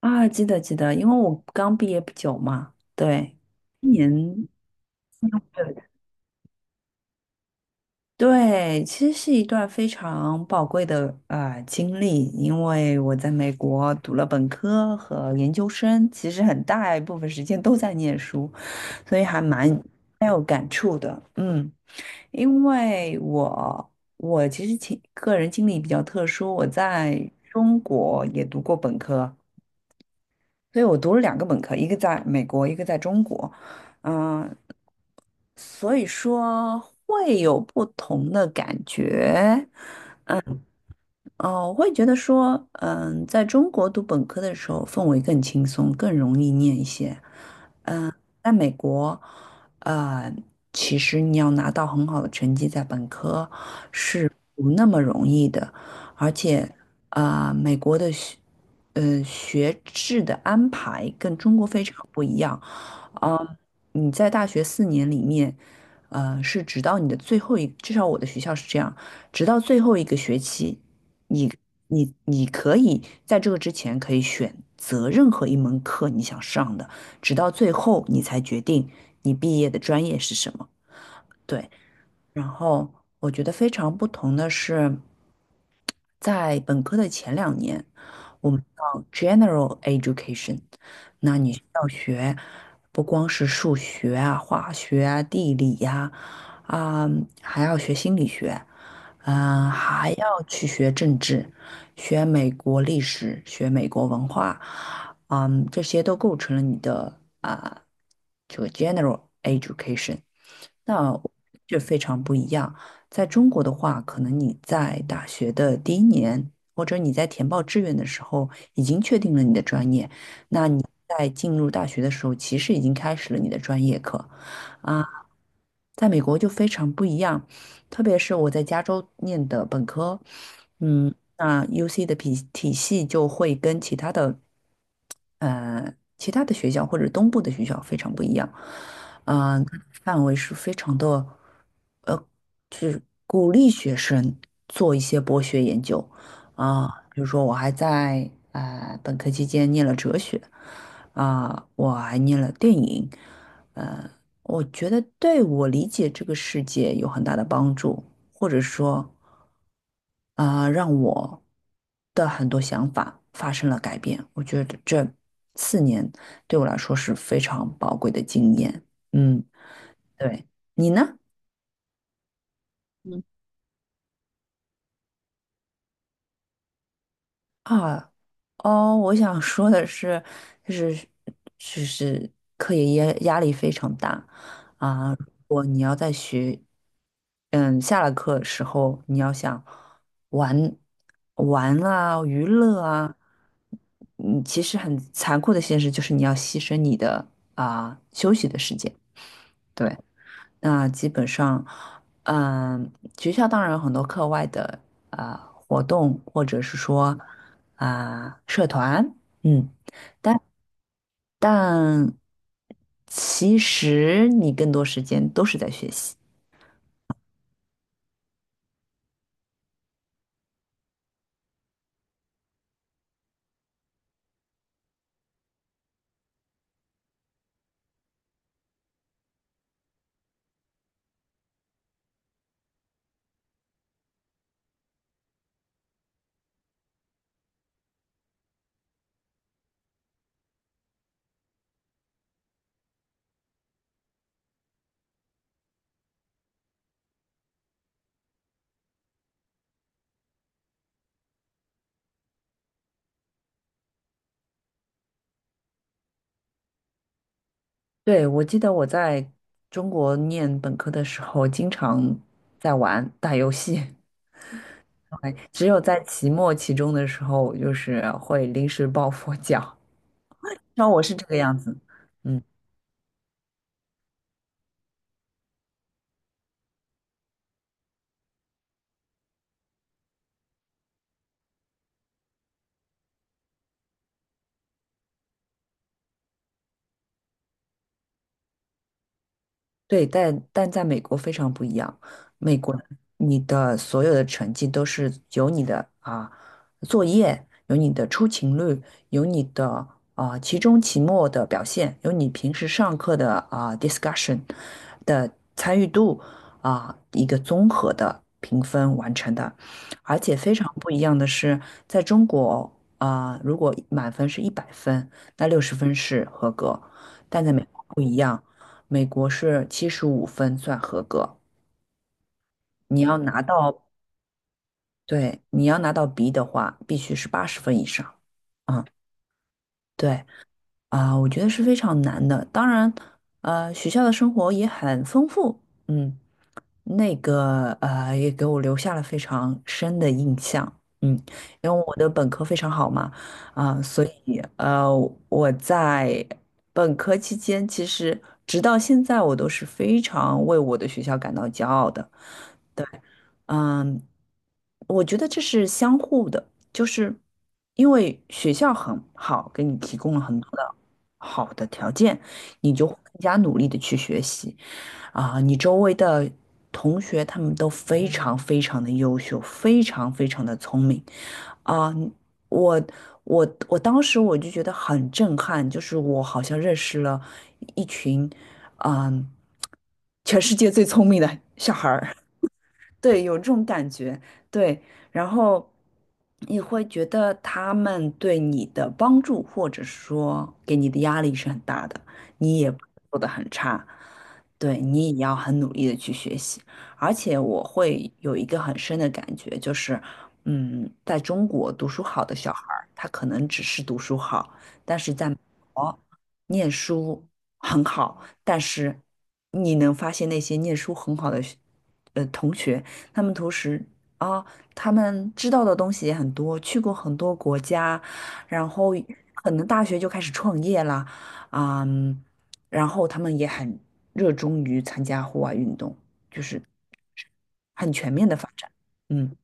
啊，记得记得，因为我刚毕业不久嘛，对，今年对，对，其实是一段非常宝贵的经历，因为我在美国读了本科和研究生，其实很大一部分时间都在念书，所以还蛮有感触的，嗯，因为我其实情个人经历比较特殊，我在中国也读过本科。所以我读了两个本科，一个在美国，一个在中国，嗯、所以说会有不同的感觉，哦，我会觉得说，嗯，在中国读本科的时候，氛围更轻松，更容易念一些。嗯，在美国，呃，其实你要拿到很好的成绩在本科是不那么容易的，而且，美国的学，学制的安排跟中国非常不一样。嗯，你在大学四年里面，是直到你的最后一，至少我的学校是这样，直到最后一个学期。你你可以在这个之前可以选择任何一门课你想上的，直到最后你才决定你毕业的专业是什么。对。然后我觉得非常不同的是，在本科的前两年，我们叫 general education，那你需要学不光是数学啊、化学啊、地理呀、啊，还要学心理学，嗯、还要去学政治，学美国历史，学美国文化，嗯，这些都构成了你的啊、这个 general education。那就非常不一样。在中国的话，可能你在大学的第一年，或者你在填报志愿的时候，已经确定了你的专业。那你在进入大学的时候，其实已经开始了你的专业课。啊，在美国就非常不一样，特别是我在加州念的本科，嗯，那 UC 的体系就会跟其他的，其他的学校或者东部的学校非常不一样。嗯。范围是非常的，呃，去鼓励学生做一些博学研究啊。比如说，我还在本科期间念了哲学，啊、我还念了电影，呃，我觉得对我理解这个世界有很大的帮助，或者说啊、让我的很多想法发生了改变。我觉得这四年对我来说是非常宝贵的经验。嗯，对。你呢？嗯，啊，哦，我想说的是，就是就是课业压力非常大啊。如果你要在学，嗯，下了课的时候，你要想玩玩啊、娱乐啊，嗯，其实很残酷的现实就是你要牺牲你的啊休息的时间。对。那基本上，嗯、学校当然有很多课外的啊、活动，或者是说啊、社团，嗯，但但其实你更多时间都是在学习。对，我记得我在中国念本科的时候，经常在玩打游戏，对只有在期末、期中的时候，就是会临时抱佛脚。那我是这个样子，嗯。对，但在美国非常不一样。美国，你的所有的成绩都是由你的啊作业，有你的出勤率，有你的啊期中、期末的表现，有你平时上课的啊 discussion 的参与度啊一个综合的评分完成的。而且非常不一样的是，在中国啊，如果满分是一百分，那六十分是合格，但在美国不一样。美国是七十五分算合格，你要拿到，对，你要拿到 B 的话，必须是八十分以上。啊，对啊，我觉得是非常难的。当然，学校的生活也很丰富，嗯，那个也给我留下了非常深的印象。嗯，因为我的本科非常好嘛，啊，所以我在本科期间，其实直到现在，我都是非常为我的学校感到骄傲的。嗯，我觉得这是相互的，就是因为学校很好，给你提供了很多的好的条件，你就会更加努力的去学习啊，你周围的同学他们都非常非常的优秀，非常非常的聪明啊，我我当时我就觉得很震撼，就是我好像认识了一群，嗯，全世界最聪明的小孩儿。对，有这种感觉，对，然后你会觉得他们对你的帮助，或者说给你的压力是很大的，你也不能做得很差，对，你也要很努力的去学习。而且我会有一个很深的感觉，就是，嗯，在中国读书好的小孩儿，他可能只是读书好，但是在美国念书很好，但是你能发现那些念书很好的同学。他们同时啊，他们知道的东西也很多，去过很多国家，然后可能大学就开始创业啦，嗯，然后他们也很热衷于参加户外运动，就是很全面的发展。嗯，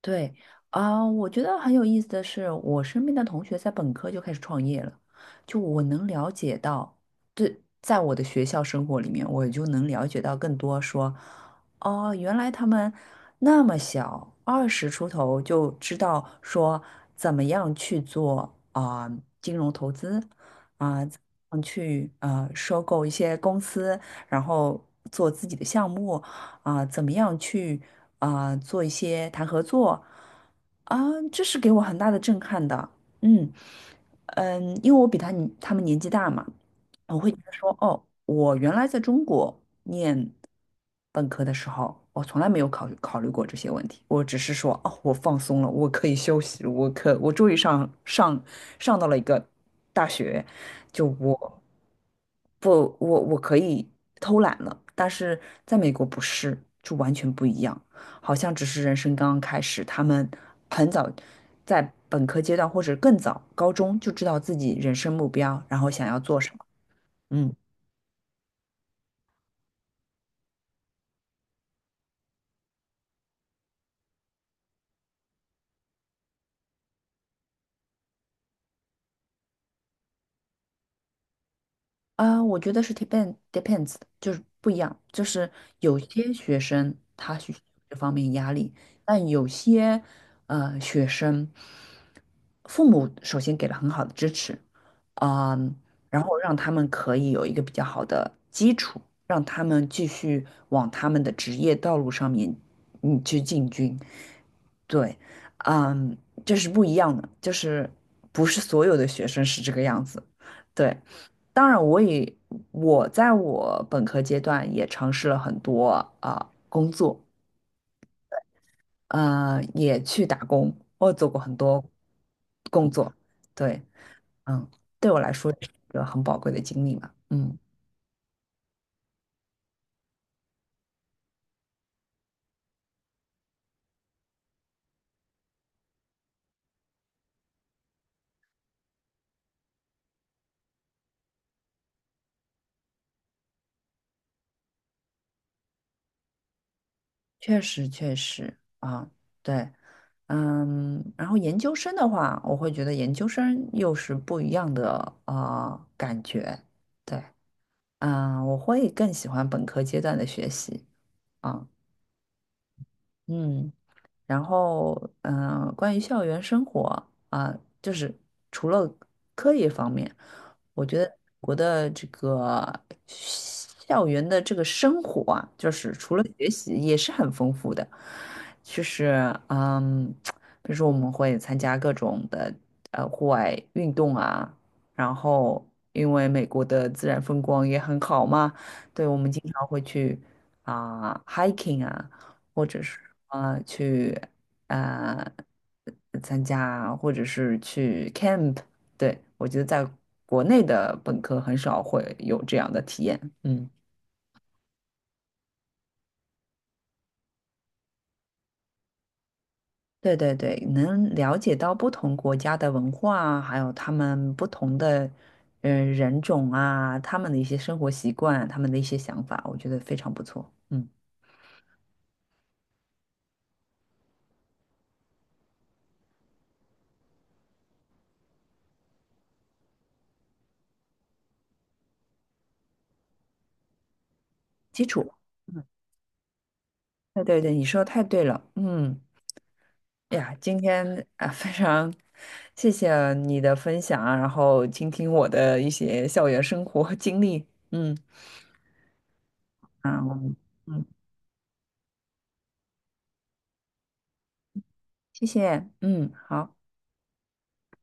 对啊，我觉得很有意思的是，我身边的同学在本科就开始创业了，就我能了解到，对，在我的学校生活里面，我就能了解到更多说，哦，原来他们那么小，二十出头就知道说怎么样去做啊、金融投资啊、怎么样去收购一些公司，然后做自己的项目。啊、怎么样去啊、做一些谈合作啊、这是给我很大的震撼的。嗯嗯，因为我比他们年纪大嘛，我会觉得说，哦，我原来在中国念本科的时候，我从来没有考虑过这些问题，我只是说，哦，我放松了，我可以休息了我终于上到了一个大学，就我不我我可以偷懒了，但是在美国不是，就完全不一样，好像只是人生刚刚开始，他们很早在本科阶段或者更早高中就知道自己人生目标，然后想要做什么，嗯。啊，我觉得是 depends，就是不一样，就是有些学生他需要这方面压力，但有些学生，父母首先给了很好的支持，嗯，然后让他们可以有一个比较好的基础，让他们继续往他们的职业道路上面嗯去进军。对，嗯，这是不一样的，就是不是所有的学生是这个样子。对，当然我在我本科阶段也尝试了很多啊、工作，也去打工，我做过很多工作。对，嗯，对我来说也是一个很宝贵的经历嘛。嗯。确实确实啊，对，嗯，然后研究生的话，我会觉得研究生又是不一样的啊、感觉，对，嗯，我会更喜欢本科阶段的学习啊。嗯，然后嗯、关于校园生活啊、就是除了课业方面，我觉得我的这个校园的这个生活啊，就是除了学习也是很丰富的，就是嗯，比如说我们会参加各种的户外运动啊，然后因为美国的自然风光也很好嘛，对，我们经常会去啊、hiking 啊。或者是去呃参加，或者是去 camp。对，我觉得在国内的本科很少会有这样的体验。嗯，对对对，能了解到不同国家的文化啊还有他们不同的人种啊，他们的一些生活习惯，他们的一些想法，我觉得非常不错。嗯，基础。嗯，对对对，你说的太对了。嗯。哎呀，今天啊，非常谢谢你的分享啊，然后倾听我的一些校园生活经历，嗯，啊，我们嗯，谢谢，嗯，好。